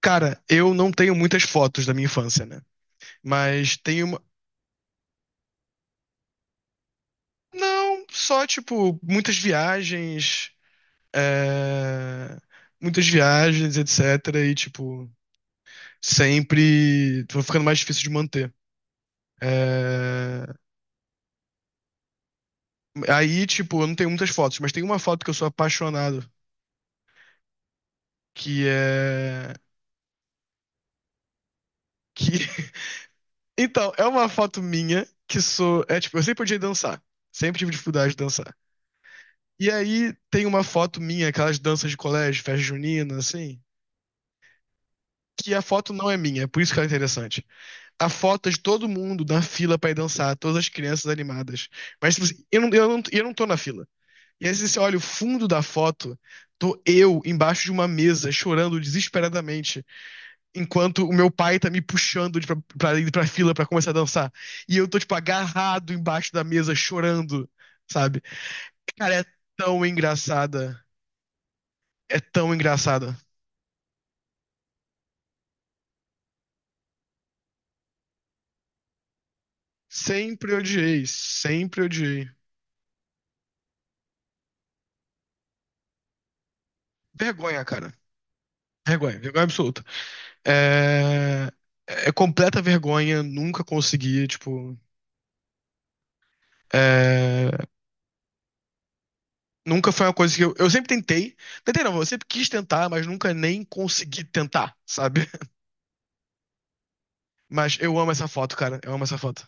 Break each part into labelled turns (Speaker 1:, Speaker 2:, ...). Speaker 1: Cara, eu não tenho muitas fotos da minha infância, né? Mas tenho uma. Não, só, tipo, muitas viagens. é, Muitas viagens, etc. E, tipo, sempre. Tô ficando mais difícil de manter. É, Aí, tipo, eu não tenho muitas fotos, mas tem uma foto que eu sou apaixonado, que é. Que... Então, é uma foto minha que sou. É, tipo, eu sempre odiei dançar. Sempre tive dificuldade de dançar. E aí tem uma foto minha, aquelas danças de colégio, festa junina, assim, que a foto não é minha, é por isso que ela é interessante. A foto é de todo mundo na fila pra ir dançar, todas as crianças animadas. Mas tipo assim, eu não tô na fila. E aí você olha o fundo da foto, tô eu embaixo de uma mesa, chorando desesperadamente, enquanto o meu pai tá me puxando pra ir pra fila pra começar a dançar. E eu tô, tipo, agarrado embaixo da mesa, chorando, sabe? Cara, é tão engraçada. É tão engraçada. Sempre odiei, sempre odiei. Vergonha, cara. Vergonha, vergonha absoluta. É, é completa vergonha, nunca consegui, tipo. é, Nunca foi uma coisa que eu. Eu sempre tentei. Tentei não, eu sempre quis tentar, mas nunca nem consegui tentar, sabe? Mas eu amo essa foto, cara. Eu amo essa foto.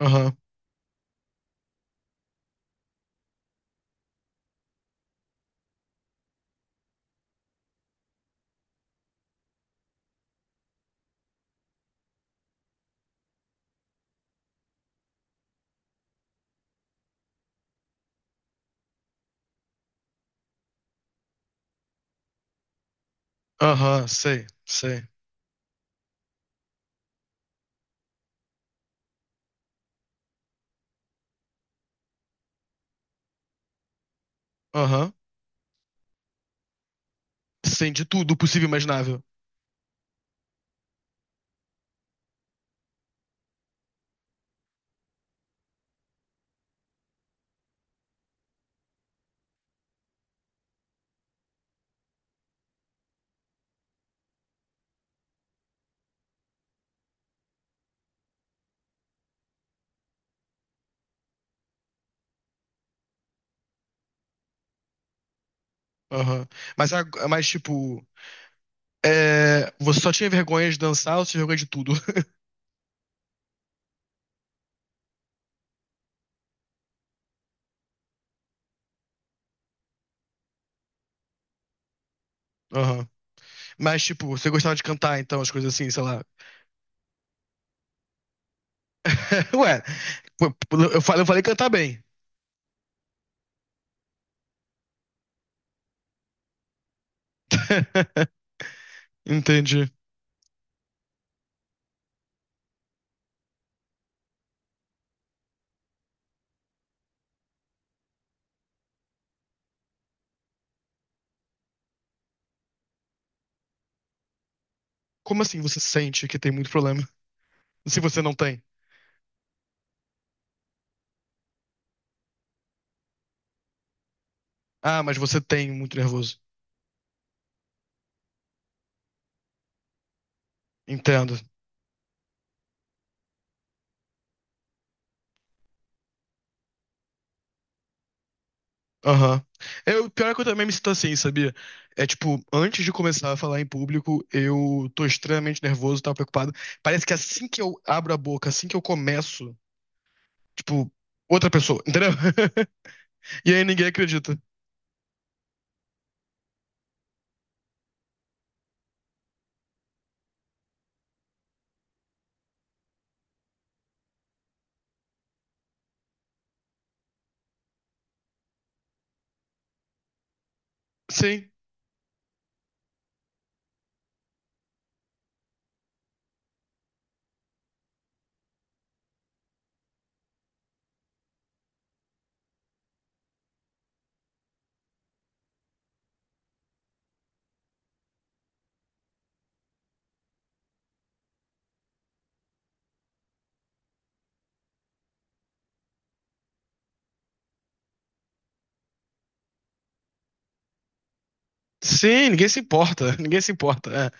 Speaker 1: Aham, aham, sei, sei. Aham. Sim, de tudo possível e imaginável. Aham. Mas, tipo. Você só tinha vergonha de dançar ou você tinha vergonha de tudo? Aham. Mas, tipo, você gostava de cantar, então, as coisas assim, sei lá. Ué, eu falei cantar bem. Entendi. Como assim você sente que tem muito problema? Se você não tem. Ah, mas você tem muito nervoso. Entendo. Aham. Eu, pior é que eu também me sinto assim, sabia? É tipo, antes de começar a falar em público, eu tô extremamente nervoso, tava preocupado. Parece que assim que eu abro a boca, assim que eu começo, tipo, outra pessoa, entendeu? E aí ninguém acredita. Sim. Sim, ninguém se importa. Ninguém se importa.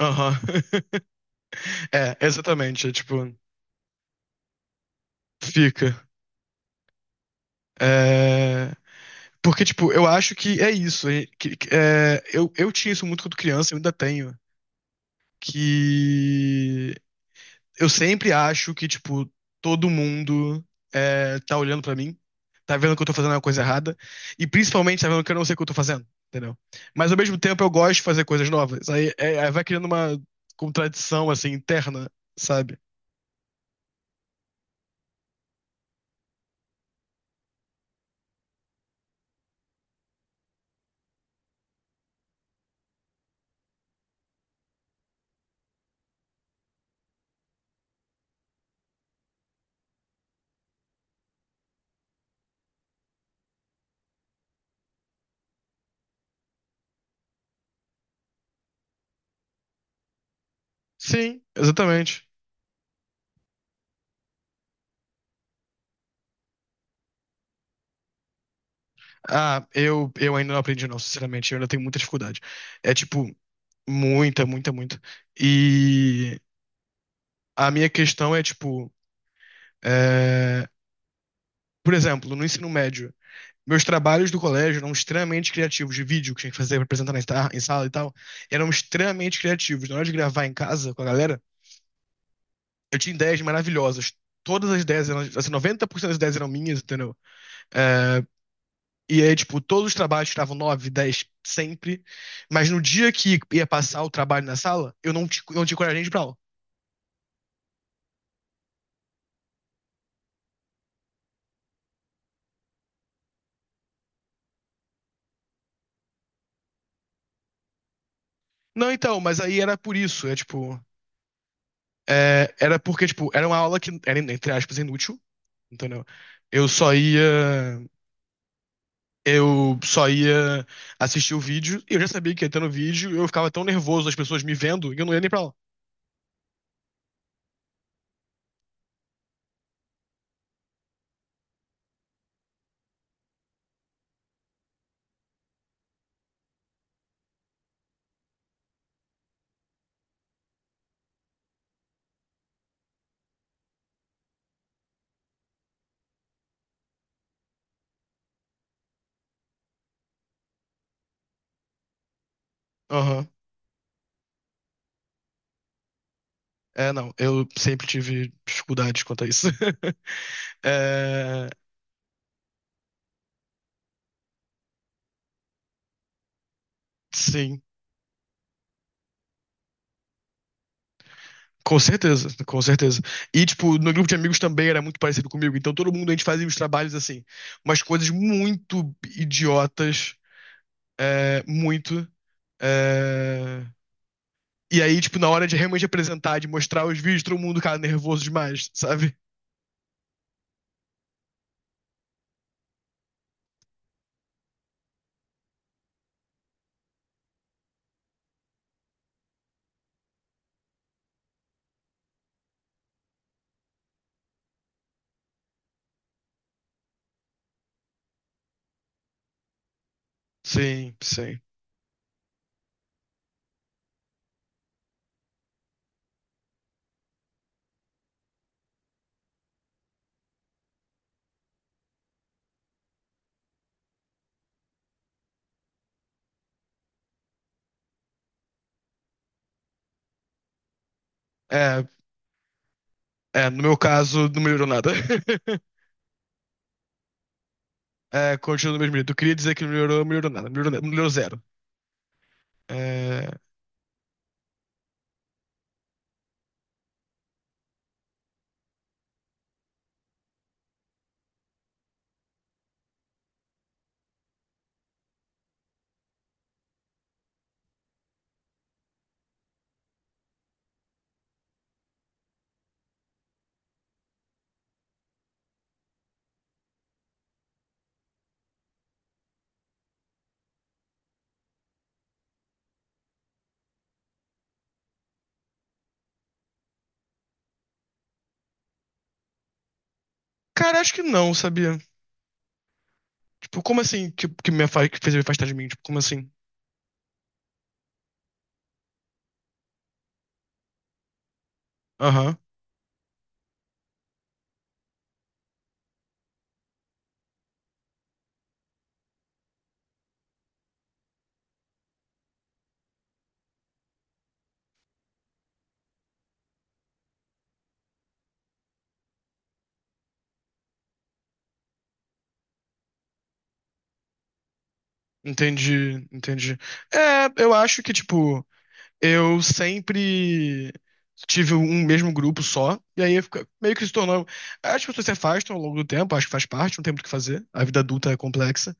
Speaker 1: Aham. é exatamente. É, tipo, fica. É, porque, tipo, eu acho que é isso. Eu tinha isso muito quando criança, eu ainda tenho. Que eu sempre acho que, tipo, todo mundo tá olhando pra mim, tá vendo que eu tô fazendo uma coisa errada, e principalmente tá vendo que eu não sei o que eu tô fazendo, entendeu? Mas ao mesmo tempo eu gosto de fazer coisas novas. Aí, vai criando uma contradição, assim, interna, sabe? Sim, exatamente. Ah, eu ainda não aprendi, não, sinceramente. Eu ainda tenho muita dificuldade. É tipo, muita, muita, muita. E a minha questão é, tipo, é, por exemplo, no ensino médio, meus trabalhos do colégio eram extremamente criativos, de vídeo que tinha que fazer pra apresentar na em sala e tal, eram extremamente criativos. Na hora de gravar em casa com a galera, eu tinha ideias maravilhosas. Todas as ideias eram, assim, 90% das ideias eram minhas, entendeu? É, E aí, tipo, todos os trabalhos estavam 9 10 sempre. Mas no dia que ia passar o trabalho na sala, eu não tinha coragem de ir pra aula. Não, então, mas aí era por isso. É tipo. Era porque, tipo, era uma aula que era, entre aspas, inútil. Entendeu? Eu só ia. Eu só ia assistir o vídeo. E eu já sabia que ia ter no vídeo. Eu ficava tão nervoso, as pessoas me vendo, que eu não ia nem pra aula. Aham. É, não. Eu sempre tive dificuldades quanto a isso. É, sim. Com certeza, com certeza. E, tipo, no grupo de amigos também era muito parecido comigo. Então, todo mundo, a gente fazia os trabalhos assim. Umas coisas muito idiotas, muito. é, E aí, tipo, na hora de realmente apresentar, de mostrar os vídeos, todo mundo cara nervoso demais, sabe? Sim, sim. É, é, no meu caso, não melhorou nada. É, continua no mesmo jeito. Eu queria dizer que não melhorou, não melhorou nada. Melhorou, melhorou zero. É, Cara, acho que não, sabia? Tipo, como assim que me afasta, que fez me afastar de mim? Tipo, como assim? Aham, entendi, entendi. É, eu acho que, tipo, eu sempre tive um mesmo grupo só, e aí meio que se tornou. As pessoas se afastam ao longo do tempo, acho que faz parte, não tem muito o que fazer. A vida adulta é complexa,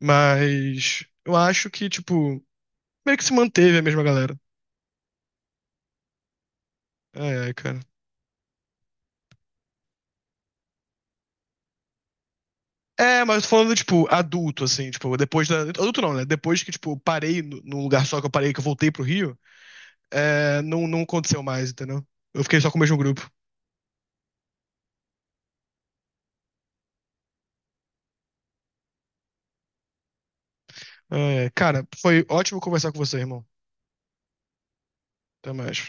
Speaker 1: mas eu acho que, tipo, meio que se manteve a mesma galera. É, ai, cara. É, mas falando, tipo, adulto, assim, tipo, depois da. Adulto não, né? Depois que, tipo, eu parei num lugar só que eu parei, que eu voltei pro Rio, não, não aconteceu mais, entendeu? Eu fiquei só com o mesmo grupo. É, cara, foi ótimo conversar com você, irmão. Até mais.